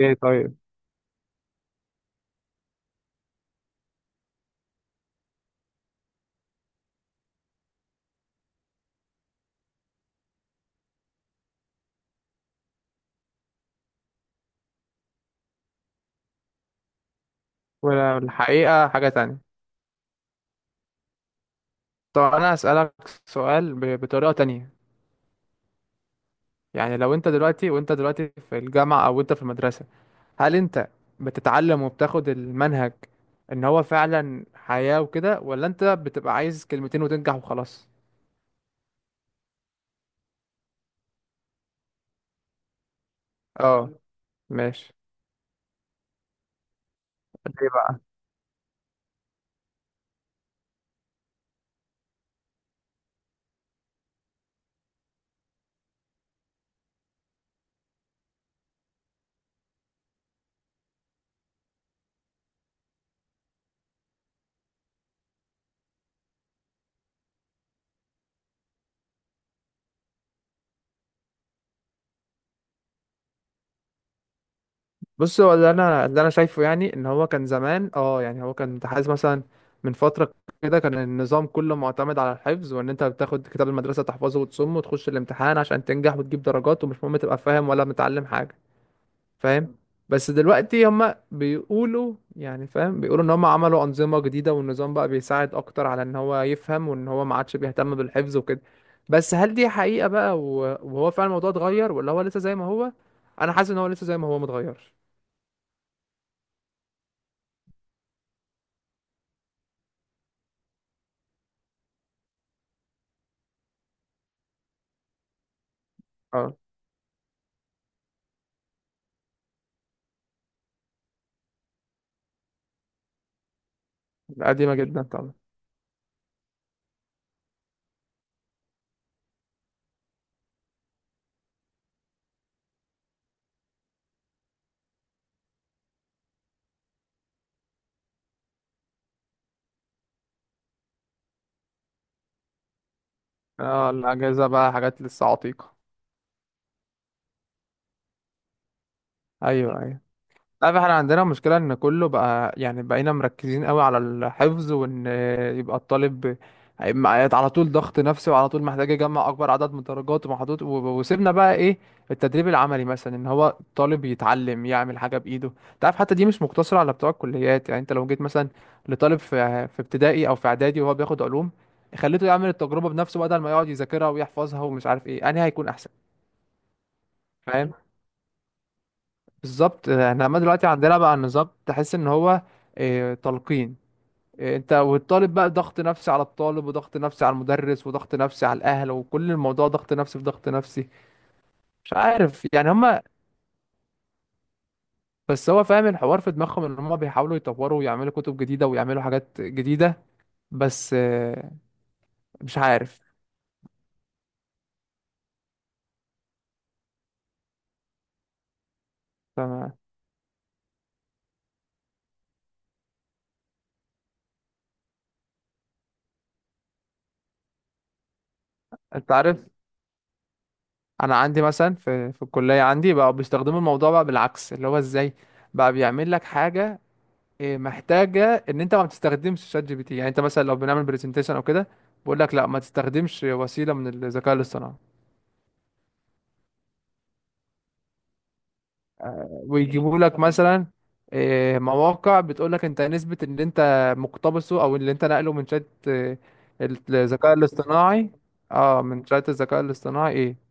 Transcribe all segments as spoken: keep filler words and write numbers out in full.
ايه، طيب. والحقيقة حاجة تانية. طب انا هسألك سؤال ب- بطريقة تانية. يعني لو انت دلوقتي وانت دلوقتي في الجامعة او انت في المدرسة، هل انت بتتعلم وبتاخد المنهج ان هو فعلا حياة وكده، ولا انت بتبقى عايز كلمتين وتنجح وخلاص؟ اه، ماشي. ليه بقى؟ بص، هو اللي انا اللي انا شايفه يعني، ان هو كان زمان، اه يعني، هو كان متحيز مثلا من فتره كده. كان النظام كله معتمد على الحفظ، وان انت بتاخد كتاب المدرسه تحفظه وتصمه وتخش الامتحان عشان تنجح وتجيب درجات، ومش مهم تبقى فاهم ولا متعلم حاجه، فاهم؟ بس دلوقتي هما بيقولوا، يعني فاهم، بيقولوا ان هما عملوا انظمه جديده، والنظام بقى بيساعد اكتر على ان هو يفهم، وان هو ما عادش بيهتم بالحفظ وكده. بس هل دي حقيقه بقى و- وهو فعلا الموضوع اتغير، ولا هو لسه زي ما هو؟ انا حاسس ان هو لسه زي ما هو، متغيرش. قديمة جدا طبعا. اه، الأجهزة بقى حاجات لسه عتيقة. أيوه، أيوه، عارف، احنا عندنا مشكلة إن كله بقى يعني بقينا مركزين قوي على الحفظ، وإن يبقى الطالب هيبقى على طول ضغط نفسي، وعلى طول محتاج يجمع أكبر عدد من الدرجات ومحطوط، و- وسيبنا بقى إيه؟ التدريب العملي مثلا، إن هو الطالب يتعلم يعمل حاجة بإيده. أنت عارف، حتى دي مش مقتصرة على بتوع الكليات. يعني أنت لو جيت مثلا لطالب في في ابتدائي أو في إعدادي وهو بياخد علوم، خليته يعمل التجربة بنفسه بدل ما يقعد يذاكرها ويحفظها، ومش عارف إيه أنهي هيكون أحسن، فاهم؟ بالظبط. احنا عمال دلوقتي عندنا بقى النظام تحس ان هو آه، تلقين. آه، انت والطالب بقى ضغط نفسي على الطالب وضغط نفسي على المدرس وضغط نفسي على الاهل، وكل الموضوع ضغط نفسي في ضغط نفسي. مش عارف يعني هما. بس هو فاهم، الحوار في دماغهم ان هما بيحاولوا يطوروا ويعملوا كتب جديدة ويعملوا حاجات جديدة، بس آه، مش عارف. فما انت عارف، انا عندي مثلا في في الكلية عندي بقى بيستخدموا الموضوع بقى بالعكس، اللي هو ازاي بقى بيعمل لك حاجة. إيه، محتاجه ان انت ما بتستخدمش شات جي بي تي، يعني انت مثلا لو بنعمل برزنتيشن او كده، بقول لك لا، ما تستخدمش وسيله من الذكاء الاصطناعي، ويجيبوا لك مثلا إيه، مواقع بتقول لك انت نسبه اللي انت مقتبسه او اللي انت نقله من شات إيه، الذكاء الاصطناعي. اه، من شات الذكاء الاصطناعي ايه.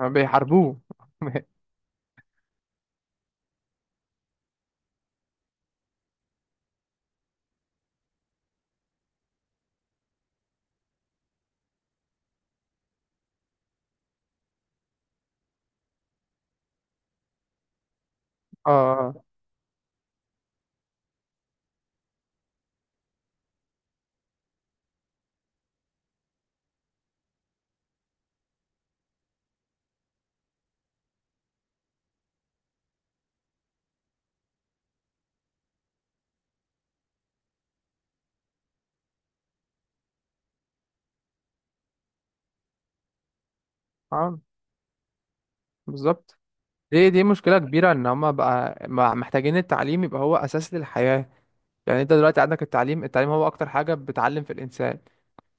بيحاربوه. اه، اه، بالظبط. دي دي مشكله كبيره، ان هم بقى بقى محتاجين التعليم يبقى هو اساس للحياه. يعني انت دلوقتي عندك التعليم، التعليم هو اكتر حاجة بتعلم في الانسان.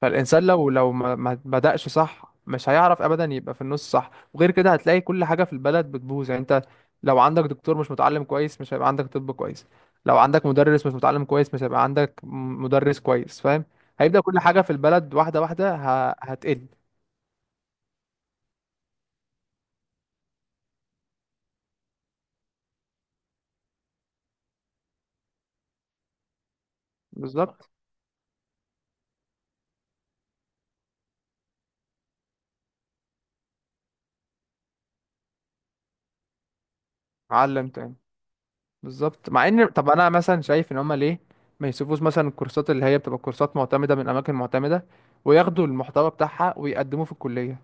فالانسان لو لو ما ما بدأش صح، مش هيعرف ابدا يبقى في النص صح، وغير كده هتلاقي كل حاجة في البلد بتبوظ. يعني انت لو عندك دكتور مش متعلم كويس، مش هيبقى عندك طب كويس. لو عندك مدرس مش متعلم كويس، مش هيبقى عندك م- مدرس كويس، فاهم؟ هيبدأ كل حاجة في البلد واحدة واحدة ه- هتقل. بالظبط. علم تاني. بالظبط. مع ان، طب انا مثلا شايف ان هما ليه ما يشوفوش مثلا الكورسات اللي هي بتبقى كورسات معتمده من اماكن معتمده، وياخدوا المحتوى بتاعها ويقدموه في الكليه؟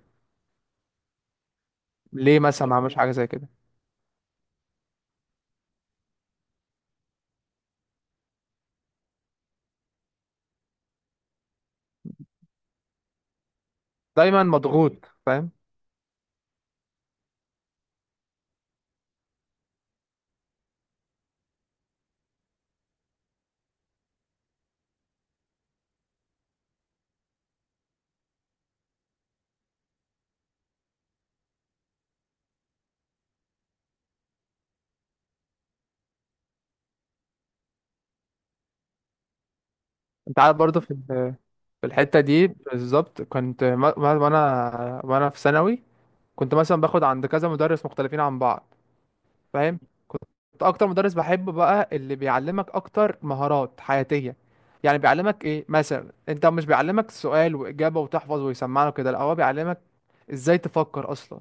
ليه مثلا ما عملوش حاجه زي كده؟ دايما مضغوط، فاهم. انت عارف، برضه في ال- في الحته دي بالظبط، كنت ما- ما- وانا وانا في ثانوي، كنت مثلا باخد عند كذا مدرس مختلفين عن بعض، فاهم؟ اكتر مدرس بحبه بقى اللي بيعلمك اكتر مهارات حياتيه. يعني بيعلمك ايه مثلا، انت مش بيعلمك سؤال واجابه وتحفظ ويسمعنا كده، لا، هو بيعلمك ازاي تفكر اصلا،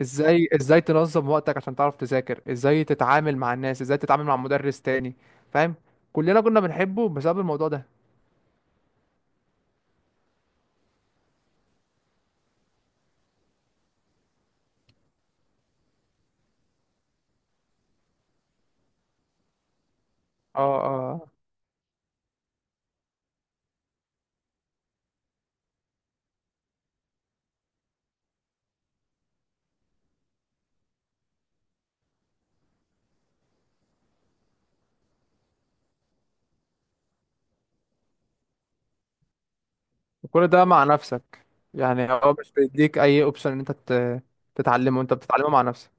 ازاي ازاي تنظم وقتك عشان تعرف تذاكر، ازاي تتعامل مع الناس، ازاي تتعامل مع مدرس تاني، فاهم؟ كلنا كنا بنحبه بسبب الموضوع ده. اه، اه. وكل ده مع نفسك، يعني هو مش بيديك اي اوبشن ان انت تت- تتعلمه، انت بتتعلمه مع نفسك.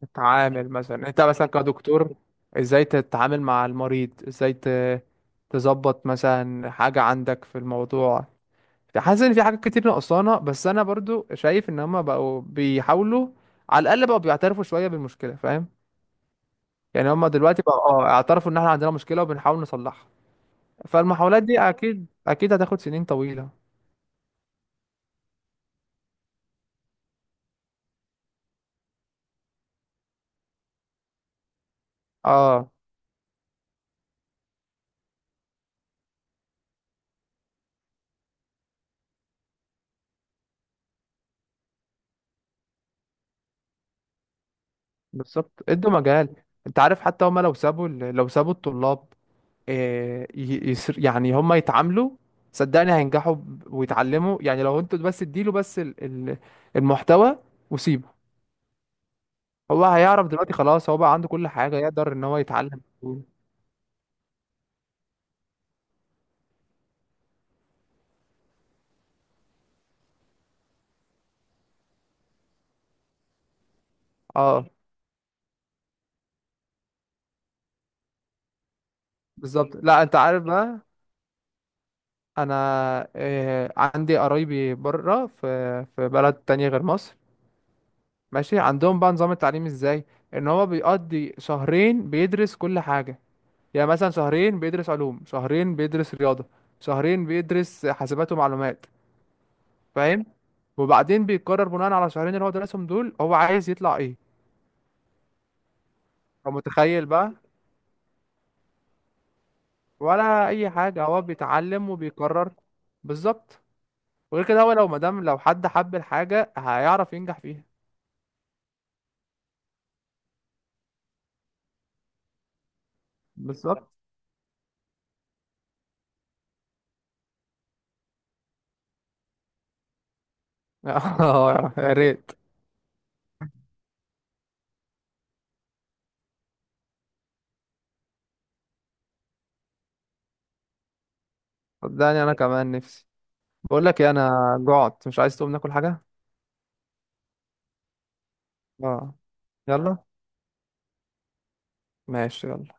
تتعامل مثلا، انت مثلا كدكتور، ازاي تتعامل مع المريض، ازاي ت- تظبط مثلا حاجة عندك في الموضوع. حاسس ان في حاجات كتير نقصانة، بس انا برضو شايف ان هما بقوا بيحاولوا، على الاقل بقوا بيعترفوا شوية بالمشكلة، فاهم؟ يعني هما دلوقتي بقوا اه اعترفوا ان احنا عندنا مشكلة وبنحاول نصلحها. فالمحاولات دي اكيد اكيد هتاخد سنين طويلة. اه، بالظبط. ادوا مجال. انت عارف، حتى هما لو سابوا ال- لو سابوا الطلاب آه، ي- يسر يعني هم يتعاملوا، صدقني هينجحوا ب- ويتعلموا. يعني لو انتوا بس اديله بس ال- ال- المحتوى وسيبه، هو هيعرف دلوقتي خلاص، هو بقى عنده كل حاجة يقدر ان هو يتعلم. اه، بالظبط. لا انت عارف بقى، انا آه، عندي قرايبي بره في في بلد تانية غير مصر، ماشي، عندهم بقى نظام التعليم ازاي؟ ان هو بيقضي شهرين بيدرس كل حاجة. يعني مثلا شهرين بيدرس علوم، شهرين بيدرس رياضة، شهرين بيدرس حاسبات ومعلومات، فاهم؟ وبعدين بيقرر بناء على الشهرين اللي هو درسهم دول هو عايز يطلع ايه. هو متخيل بقى، ولا اي حاجة، هو بيتعلم وبيقرر. بالظبط. وغير كده، هو لو مدام لو حد حب الحاجة هيعرف ينجح فيها. بالظبط. اه، يا ريت. صدقني انا كمان نفسي. بقول لك ايه، انا جعت، مش عايز تقوم ناكل حاجة؟ اه، يلا. ماشي، يلا.